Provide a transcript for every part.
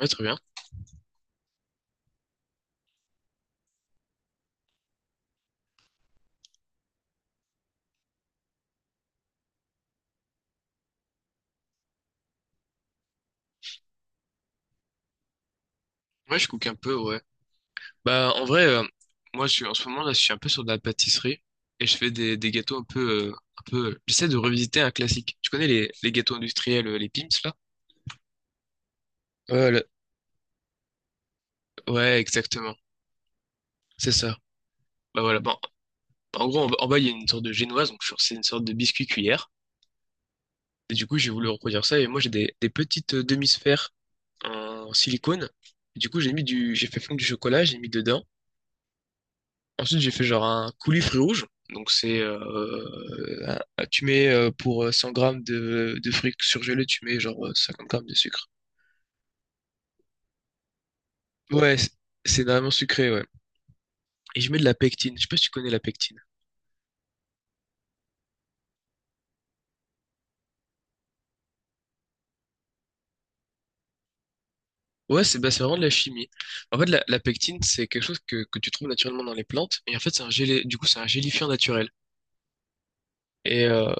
Ouais, très bien. Ouais, je cook un peu, ouais. Bah, en vrai, moi, je suis, en ce moment, là, je suis un peu sur de la pâtisserie et je fais des gâteaux un peu, un peu. J'essaie de revisiter un classique. Tu connais les gâteaux industriels, les Pim's, là? Ouais, le- ouais, exactement. C'est ça. Bah voilà. Bon, en gros, en bas, il y a une sorte de génoise, c'est une sorte de biscuit cuillère. Et du coup, j'ai voulu reproduire ça et moi, j'ai des petites demi-sphères en silicone. Et du coup, j'ai fait fondre du chocolat, j'ai mis dedans. Ensuite, j'ai fait genre un coulis rouge. Donc, tu mets pour 100 grammes de fruits surgelés, tu mets genre 50 grammes de sucre. Ouais, c'est vraiment sucré, ouais. Et je mets de la pectine. Je sais pas si tu connais la pectine. Ouais, c'est vraiment de la chimie. En fait, la pectine, c'est quelque chose que tu trouves naturellement dans les plantes. Et en fait, c'est un gelé, du coup, c'est un gélifiant naturel. Et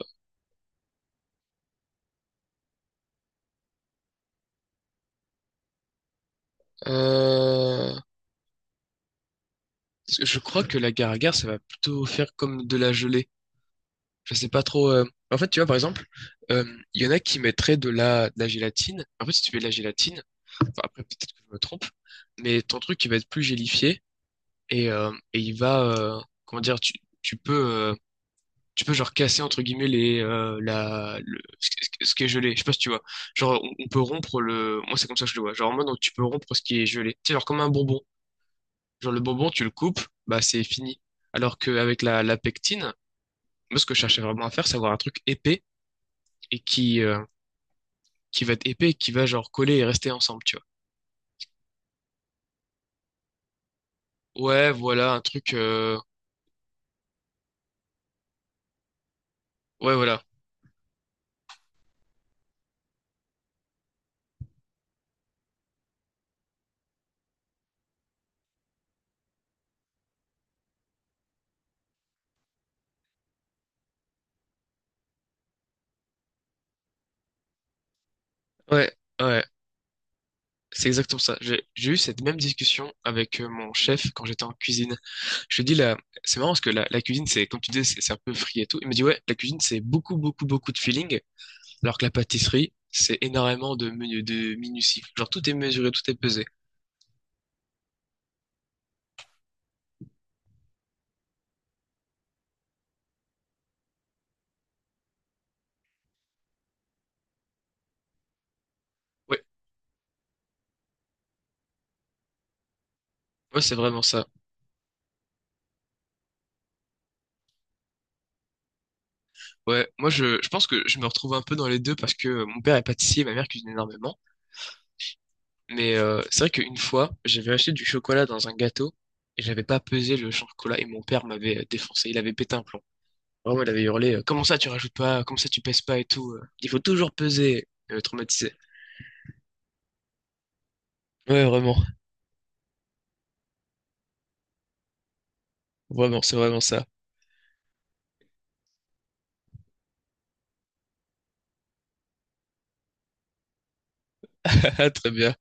euh, je crois que la agar ça va plutôt faire comme de la gelée. Je sais pas trop. En fait, tu vois, par exemple, euh, il y en a qui mettraient de la gélatine. En fait, si tu mets de la gélatine, enfin, après, peut-être que je me trompe, mais ton truc, il va être plus gélifié et il va, comment dire, tu peux, tu peux, genre, casser, entre guillemets, les, la, le, ce qui est gelé. Je sais pas si tu vois. Genre, on peut rompre moi, c'est comme ça que je le vois. Genre, en mode, donc, tu peux rompre ce qui est gelé. Tu sais, genre, comme un bonbon. Genre, le bonbon, tu le coupes, bah, c'est fini. Alors qu'avec la pectine, moi, ce que je cherchais vraiment à faire, c'est avoir un truc épais et qui va être épais, et qui va genre coller et rester ensemble, tu vois. Ouais, voilà, un truc. Ouais, voilà. Ouais, ouais. C'est exactement ça. J'ai eu cette même discussion avec mon chef quand j'étais en cuisine. Je lui dis là, c'est marrant parce que la cuisine, c'est, comme tu disais, c'est un peu free et tout. Il me dit ouais, la cuisine, c'est beaucoup, beaucoup, beaucoup de feeling, alors que la pâtisserie, c'est énormément de minutie. Genre tout est mesuré, tout est pesé. Ouais, ouais, c'est vraiment ça. Ouais, moi je pense que je me retrouve un peu dans les deux parce que mon père est pâtissier, ma mère cuisine énormément. Mais c'est vrai qu'une fois, j'avais acheté du chocolat dans un gâteau et j'avais pas pesé le chocolat et mon père m'avait défoncé. Il avait pété un plomb. Vraiment, il avait hurlé, comment ça tu rajoutes pas, comment ça tu pèses pas et tout. Il faut toujours peser. Il m'avait traumatisé. Ouais, vraiment. Vraiment, c'est vraiment ça. Ah, très bien.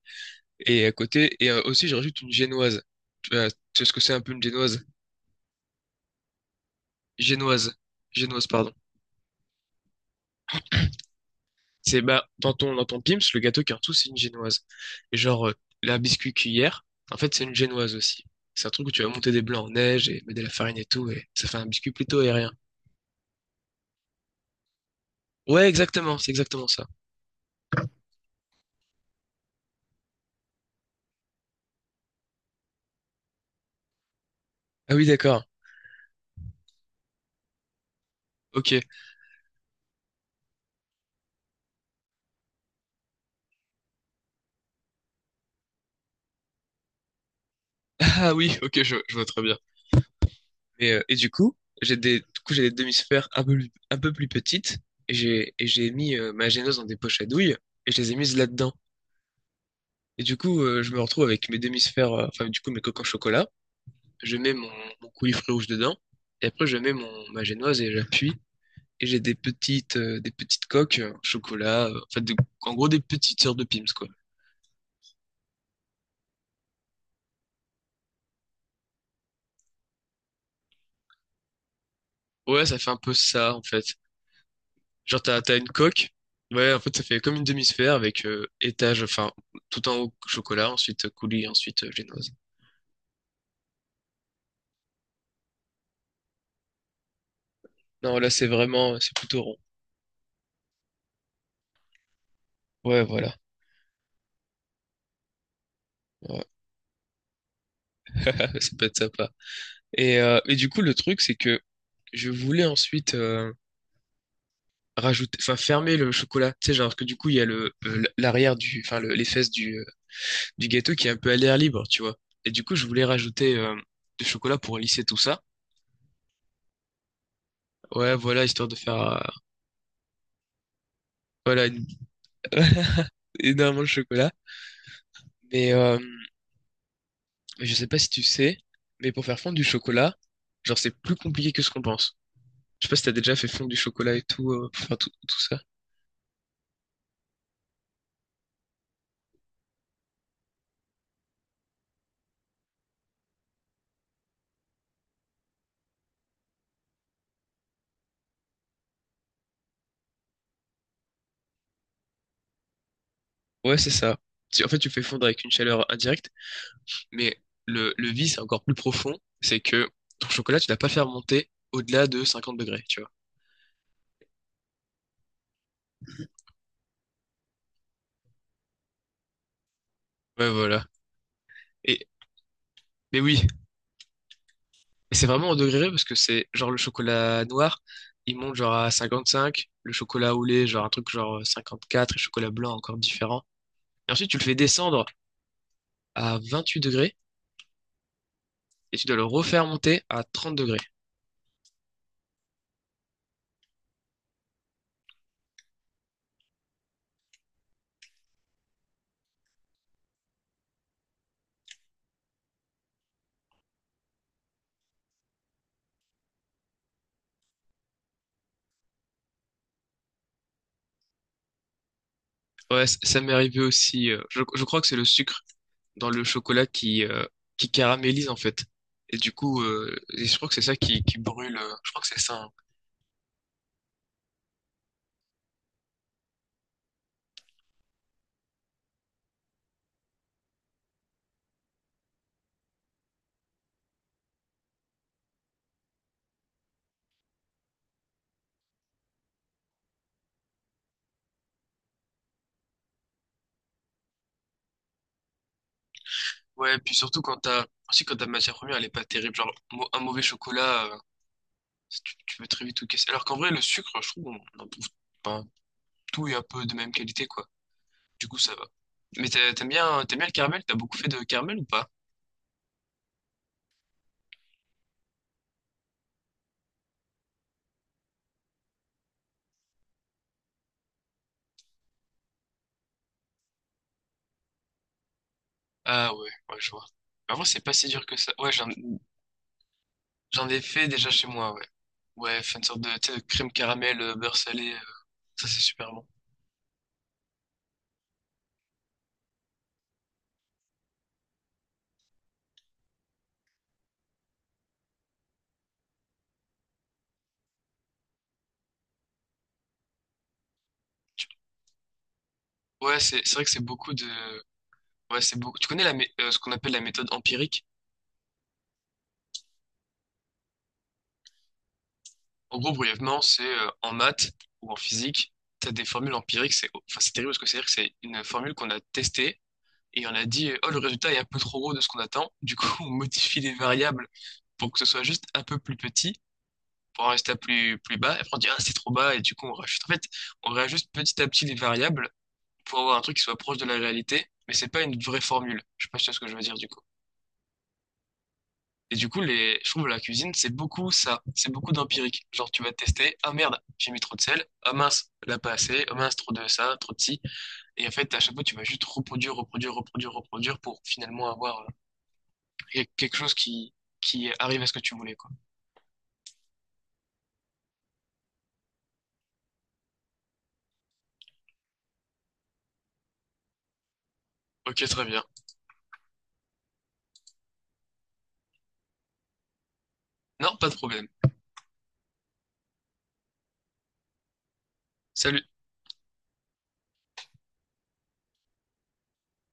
Et à côté, aussi, je rajoute une génoise. Tu vois, tu sais ce que c'est un peu une génoise? Génoise. Génoise, pardon. C'est bah dans ton Pim's, le gâteau qui est en dessous, c'est une génoise. Et genre la biscuit cuillère, en fait, c'est une génoise aussi. C'est un truc où tu vas monter des blancs en neige et mettre de la farine et tout, et ça fait un biscuit plutôt aérien. Ouais, exactement, c'est exactement ça. Ah oui, d'accord. Ok. Ah oui, ok, je vois très bien. Mais et du coup, j'ai des du coup j'ai des demi-sphères un peu plus petites et j'ai mis ma génoise dans des poches à douille et je les ai mises là-dedans. Et du coup, je me retrouve avec mes demi-sphères, enfin du coup mes coques en chocolat. Je mets mon coulis rouge dedans, et après je mets ma génoise et j'appuie, et j'ai des petites coques au chocolat, en fait, en gros des petites sœurs de Pim's, quoi. Ouais, ça fait un peu ça, en fait. Genre, t'as une coque, ouais, en fait, ça fait comme une demi-sphère avec étage, enfin, tout en haut chocolat, ensuite coulis, ensuite génoise. Non, là, c'est plutôt rond. Ouais, voilà. Ouais, ça peut être sympa. Et du coup, le truc, c'est que je voulais ensuite rajouter, enfin fermer le chocolat. Tu sais, genre, parce que du coup, il y a le l'arrière les fesses du gâteau qui est un peu à l'air libre, tu vois. Et du coup, je voulais rajouter du chocolat pour lisser tout ça. Ouais, voilà, histoire de faire, voilà, énormément de chocolat. Mais je sais pas si tu sais, mais pour faire fondre du chocolat, genre, c'est plus compliqué que ce qu'on pense. Je sais pas si t'as déjà fait fondre du chocolat et tout, pour faire tout ça. Ouais, c'est ça. En fait, tu fais fondre avec une chaleur indirecte, mais le vice c'est encore plus profond, c'est que ton chocolat, tu l'as pas fait remonter au-delà de 50 degrés, tu vois. Ouais, voilà. Et, mais oui, et c'est vraiment au degré près parce que c'est genre le chocolat noir, il monte genre à 55, le chocolat au lait, genre un truc genre 54, et le chocolat blanc encore différent. Et ensuite, tu le fais descendre à 28 degrés et tu dois le refaire monter à 30 degrés. Ouais, ça m'est arrivé aussi. Je crois que c'est le sucre dans le chocolat qui caramélise en fait. Et du coup, je crois que c'est ça qui brûle. Je crois que c'est ça, hein. Ouais, puis surtout aussi quand ta matière première, elle est pas terrible. Genre, un mauvais chocolat. Tu peux très vite tout casser. Alors qu'en vrai, le sucre, je trouve, on en trouve pas tout et un peu de même qualité, quoi. Du coup, ça va. Mais t'aimes bien le caramel? T'as beaucoup fait de caramel ou pas? Ah ouais, ouais, je vois. En vrai, c'est pas si dur que ça. Ouais, j'en ai fait déjà chez moi, ouais. Ouais, faire une sorte de, tu sais, de crème caramel, beurre salé, ça c'est super bon. Tu- Ouais, c'est vrai que c'est beaucoup de... Ouais, c'est beaucoup... Tu connais ce qu'on appelle la méthode empirique? En gros, brièvement, c'est en maths ou en physique, tu as des formules empiriques. C'est terrible parce que c'est-à-dire que c'est une formule qu'on a testée et on a dit, oh, le résultat est un peu trop gros de ce qu'on attend. Du coup, on modifie les variables pour que ce soit juste un peu plus petit, pour un résultat plus bas. Et après, on dit, ah, c'est trop bas. Et du coup, on rajoute. En fait, on réajuste petit à petit les variables pour avoir un truc qui soit proche de la réalité, mais c'est pas une vraie formule. Je sais pas si tu vois ce que je veux dire, du coup. Et du coup, je trouve la cuisine, c'est beaucoup ça. C'est beaucoup d'empirique. Genre, tu vas te tester. Ah merde, j'ai mis trop de sel. Ah mince, là pas assez. Ah mince, trop de ça, trop de ci. Et en fait, à chaque fois, tu vas juste reproduire, reproduire, reproduire, reproduire pour finalement avoir quelque chose qui arrive à ce que tu voulais, quoi. Ok, très bien. Non, pas de problème. Salut.